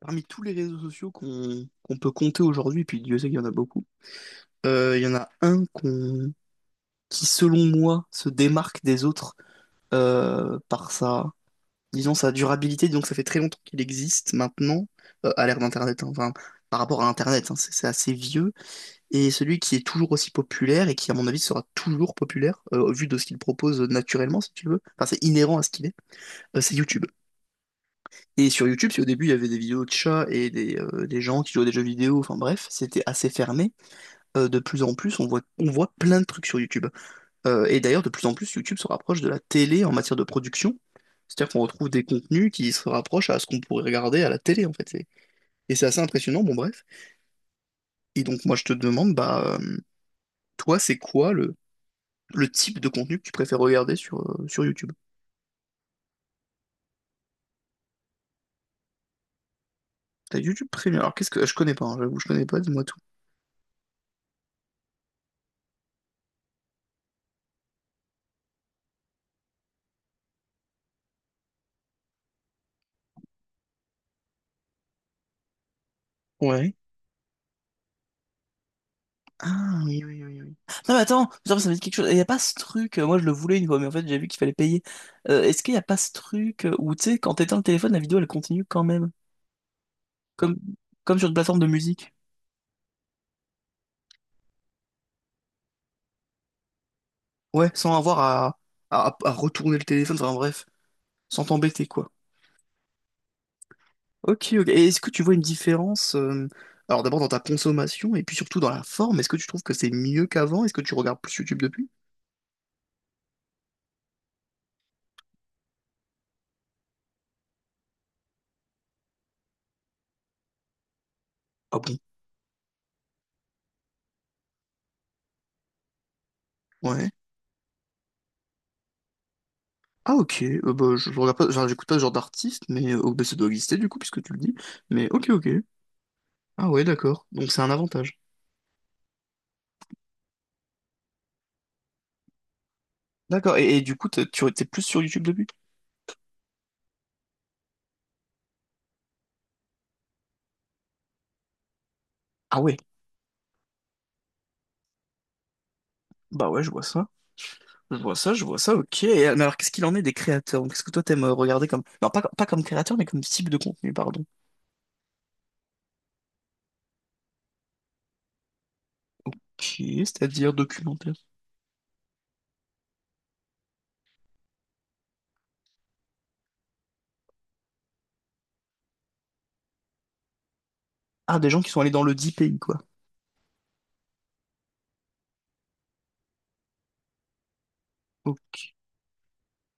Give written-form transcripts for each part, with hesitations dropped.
Parmi tous les réseaux sociaux qu'on peut compter aujourd'hui, puis Dieu sait qu'il y en a beaucoup, il y en a un qu'on qui, selon moi, se démarque des autres par sa, disons, sa durabilité. Donc ça fait très longtemps qu'il existe maintenant, à l'ère d'Internet, hein. Enfin, par rapport à Internet, hein, c'est assez vieux. Et celui qui est toujours aussi populaire et qui, à mon avis, sera toujours populaire, au vu de ce qu'il propose naturellement, si tu veux, enfin, c'est inhérent à ce qu'il est, c'est YouTube. Et sur YouTube, si au début il y avait des vidéos de chats et des gens qui jouaient à des jeux vidéo, enfin bref, c'était assez fermé. De plus en plus, on voit plein de trucs sur YouTube. Et d'ailleurs, de plus en plus, YouTube se rapproche de la télé en matière de production. C'est-à-dire qu'on retrouve des contenus qui se rapprochent à ce qu'on pourrait regarder à la télé, en fait. Et c'est assez impressionnant, bon bref. Et donc moi je te demande, bah toi, c'est quoi le type de contenu que tu préfères regarder sur, sur YouTube? T'as YouTube Premium. Alors qu'est-ce que. Je connais pas, hein, j'avoue, je connais pas, dis-moi tout. Ouais. Ah oui, oui, oui, oui. Non, mais attends, ça me dit quelque chose. Il n'y a pas ce truc, moi je le voulais une fois, mais en fait j'ai vu qu'il fallait payer. Est-ce qu'il n'y a pas ce truc où, tu sais, quand t'éteins le téléphone, la vidéo elle continue quand même? Comme, comme sur une plateforme de musique. Ouais, sans avoir à, à retourner le téléphone, enfin bref, sans t'embêter quoi. Ok, ok. Et est-ce que tu vois une différence, alors d'abord dans ta consommation et puis surtout dans la forme? Est-ce que tu trouves que c'est mieux qu'avant? Est-ce que tu regardes plus YouTube depuis? Ah bon? Ah ok, bah, je regarde pas, genre, j'écoute pas ce genre d'artiste, mais oh, bah, ça doit exister du coup, puisque tu le dis. Mais ok, ok. Ah ouais, d'accord. Donc c'est un avantage. D'accord, et du coup, tu étais plus sur YouTube depuis? Ah ouais, bah ouais, je vois ça. Je vois ça, je vois ça, ok. Et, mais alors qu'est-ce qu'il en est des créateurs? Donc, qu'est-ce que toi t'aimes regarder comme... Non, pas, pas comme créateur, mais comme type de contenu, pardon. Ok, c'est-à-dire documentaire. Ah, des gens qui sont allés dans le deep pays, quoi. Ok,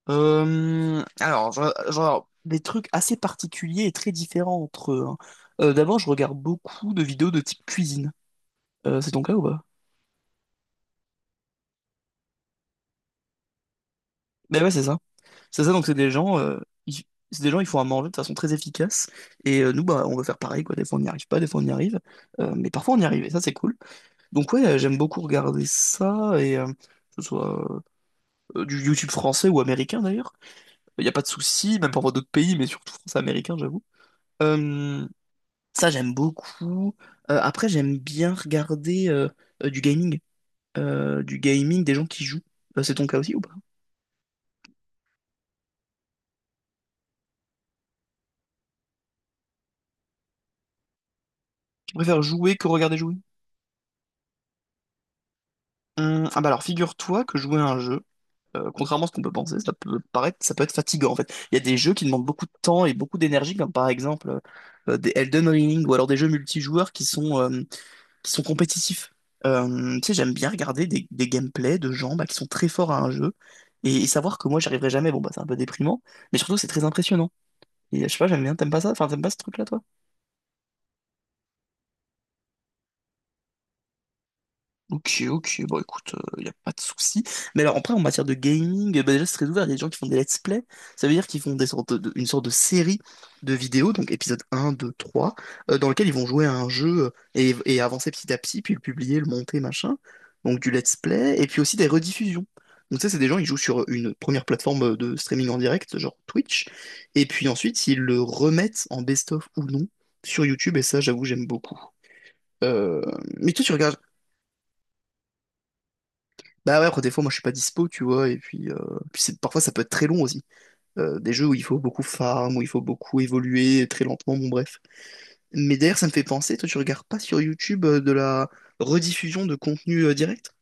Alors, genre, des trucs assez particuliers et très différents entre eux. Hein. D'abord, je regarde beaucoup de vidéos de type cuisine. C'est ton cas ou pas? Ben ouais, c'est ça. C'est ça, donc c'est des gens, ils, c'est des gens, ils font à manger de façon très efficace. Et nous, bah, on veut faire pareil, quoi. Des fois, on n'y arrive pas, des fois, on y arrive. Mais parfois, on y arrive, et ça, c'est cool. Donc ouais, j'aime beaucoup regarder ça, et que ce soit du YouTube français ou américain, d'ailleurs. Il n'y a pas de souci, même parfois d'autres pays, mais surtout français-américain, j'avoue. Euh, Ça, j'aime beaucoup. Après, j'aime bien regarder du gaming. Du gaming, des gens qui jouent. C'est ton cas aussi ou pas? Tu préfères jouer que regarder jouer? Ah bah alors figure-toi que jouer à un jeu, contrairement à ce qu'on peut penser, ça peut paraître, ça peut être fatigant en fait. Il y a des jeux qui demandent beaucoup de temps et beaucoup d'énergie, comme par exemple des Elden Ring ou alors des jeux multijoueurs qui sont compétitifs. Tu sais, j'aime bien regarder des gameplays de gens bah, qui sont très forts à un jeu et savoir que moi, j'y arriverai jamais. Bon, bah, c'est un peu déprimant, mais surtout, c'est très impressionnant. Et je sais pas, j'aime bien. T'aimes pas ça? Enfin, t'aimes pas ce truc-là, toi? Ok, ok, bon écoute, il n'y a pas de souci. Mais alors après, en matière de gaming, bah, déjà c'est très ouvert, il y a des gens qui font des let's play, ça veut dire qu'ils font une sorte de série de vidéos, donc épisode un, 2, 3, dans lequel ils vont jouer à un jeu et avancer petit à petit, puis le publier, le monter, machin. Donc du let's play, et puis aussi des rediffusions. Donc ça, c'est des gens, ils jouent sur une première plateforme de streaming en direct, genre Twitch, et puis ensuite, ils le remettent en best-of ou non sur YouTube, et ça, j'avoue, j'aime beaucoup. Euh, Mais toi, tu regardes bah ouais, après des fois moi je suis pas dispo, tu vois, et puis, puis parfois ça peut être très long aussi. Des jeux où il faut beaucoup farm, où il faut beaucoup évoluer très lentement, bon bref. Mais d'ailleurs ça me fait penser, toi tu regardes pas sur YouTube de la rediffusion de contenu direct?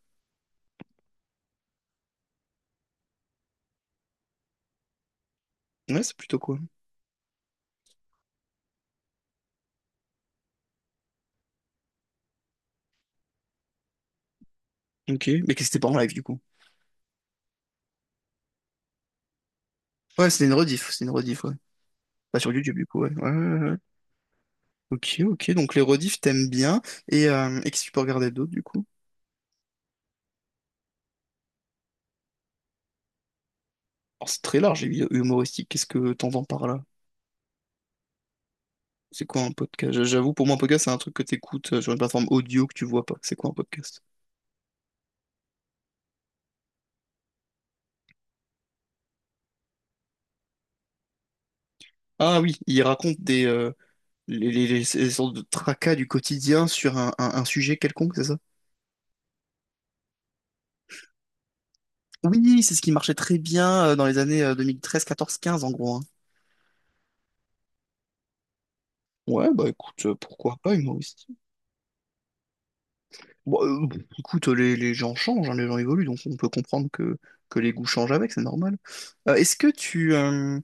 Ouais, c'est plutôt quoi. Ok, mais qu'est-ce que c'était pas en live du coup. Ouais, c'était une rediff, c'est une rediff, ouais. Pas sur YouTube du coup, ouais. Ouais, ouais, ouais. Ok, ok, donc les rediffs t'aimes bien, et qu'est-ce que tu peux regarder d'autre du coup? Alors c'est très large, humoristique, qu'est-ce que t'entends par là? C'est quoi un podcast? J'avoue, pour moi, un podcast, c'est un truc que t'écoutes sur une plateforme audio que tu vois pas. C'est quoi un podcast? Ah oui, il raconte des ces sortes de tracas du quotidien sur un, un sujet quelconque, c'est ça? Oui, c'est ce qui marchait très bien dans les années 2013, 2014, 2015, en gros. Hein. Ouais, bah écoute, pourquoi pas humoristique. Bon, écoute, les gens changent, hein, les gens évoluent, donc on peut comprendre que les goûts changent avec, c'est normal. Est-ce que tu euh,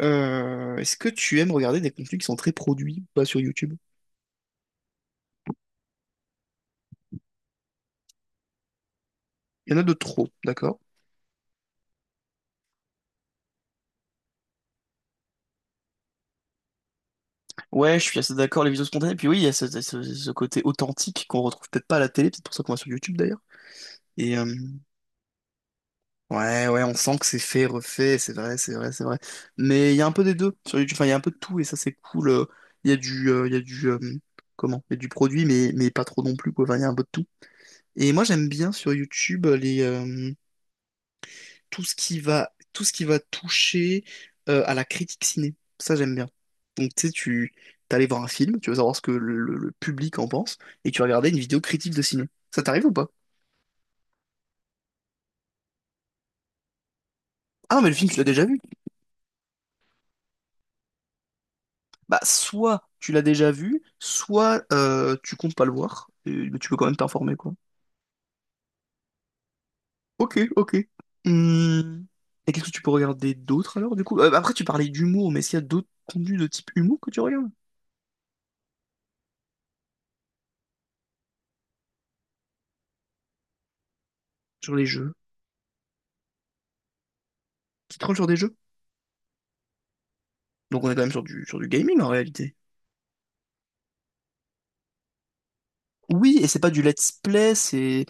euh, est-ce que tu aimes regarder des contenus qui sont très produits, pas sur YouTube? Il y en a de trop, d'accord? Ouais, je suis assez d'accord, les vidéos spontanées. Puis oui, il y a ce, ce côté authentique qu'on retrouve peut-être pas à la télé, peut-être pour ça qu'on va sur YouTube d'ailleurs. Et ouais, ouais, on sent que c'est fait, refait, c'est vrai, c'est vrai, c'est vrai. Mais il y a un peu des deux sur YouTube, enfin, il y a un peu de tout et ça, c'est cool. Il y a il y a du, comment? Il y a du produit, mais pas trop non plus, quoi. Enfin, il y a un peu de tout. Et moi, j'aime bien sur YouTube tout ce qui va, tout ce qui va toucher à la critique ciné. Ça, j'aime bien. Donc, tu sais, tu t'allais voir un film, tu veux savoir ce que le public en pense, et tu regardais une vidéo critique de ciné. Ça t'arrive ou pas? Ah non, mais le film, tu l'as déjà vu. Bah, soit tu l'as déjà vu, soit tu comptes pas le voir, et- mais tu peux quand même t'informer, quoi. Ok, ok. Hum, et qu'est-ce que tu peux regarder d'autre alors, du coup? Après, tu parlais d'humour, mais est-ce qu'il y a d'autres contenus de type humour que tu regardes? Sur les jeux? Tu te trolles sur des jeux? Donc on est quand même sur du gaming en réalité. Oui, et c'est pas du let's play, c'est...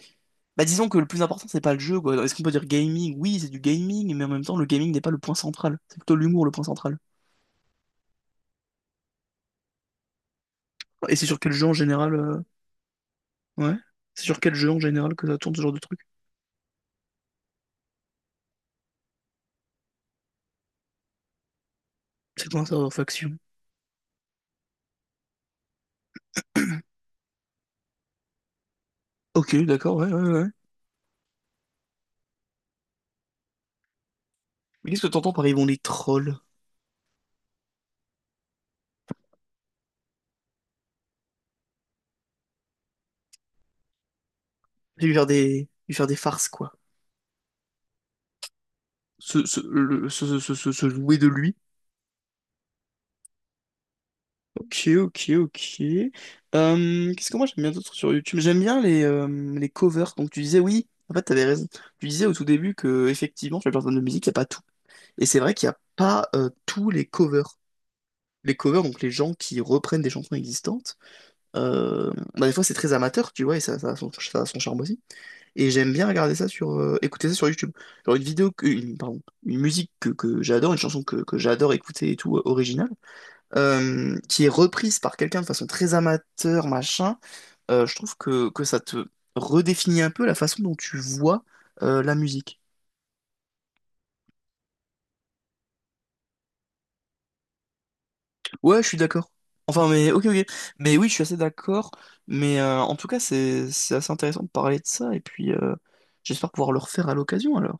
Bah disons que le plus important c'est pas le jeu, quoi. Est-ce qu'on peut dire gaming? Oui, c'est du gaming, mais en même temps le gaming n'est pas le point central. C'est plutôt l'humour le point central. Et c'est sur quel jeu en général ouais. C'est sur quel jeu en général que ça tourne ce genre de truc? C'est quoi un serveur faction? Ok, d'accord, ouais, ouais, ouais. Mais qu'est-ce que t'entends par ils vont les trolls? Lui faire des farces, quoi. Se, le- se jouer de lui ok, ok, ok. Qu'est-ce que moi j'aime bien d'autre sur YouTube? J'aime bien les covers. Donc tu disais oui, en fait t'avais raison. Tu disais au tout début que effectivement sur les plateformes de musique, il n'y a pas tout. Et c'est vrai qu'il n'y a pas tous les covers. Les covers, donc les gens qui reprennent des chansons existantes, bah, des fois c'est très amateur, tu vois, et ça, ça a son charme aussi. Et j'aime bien regarder ça sur, écouter ça sur YouTube. Genre une vidéo, pardon, une musique que j'adore, une chanson que j'adore écouter et tout, originale qui est reprise par quelqu'un de façon très amateur, machin, je trouve que ça te redéfinit un peu la façon dont tu vois la musique. Ouais, je suis d'accord. Enfin, mais ok, ok. Mais oui, je suis assez d'accord. Mais en tout cas, c'est assez intéressant de parler de ça. Et puis, j'espère pouvoir le refaire à l'occasion alors.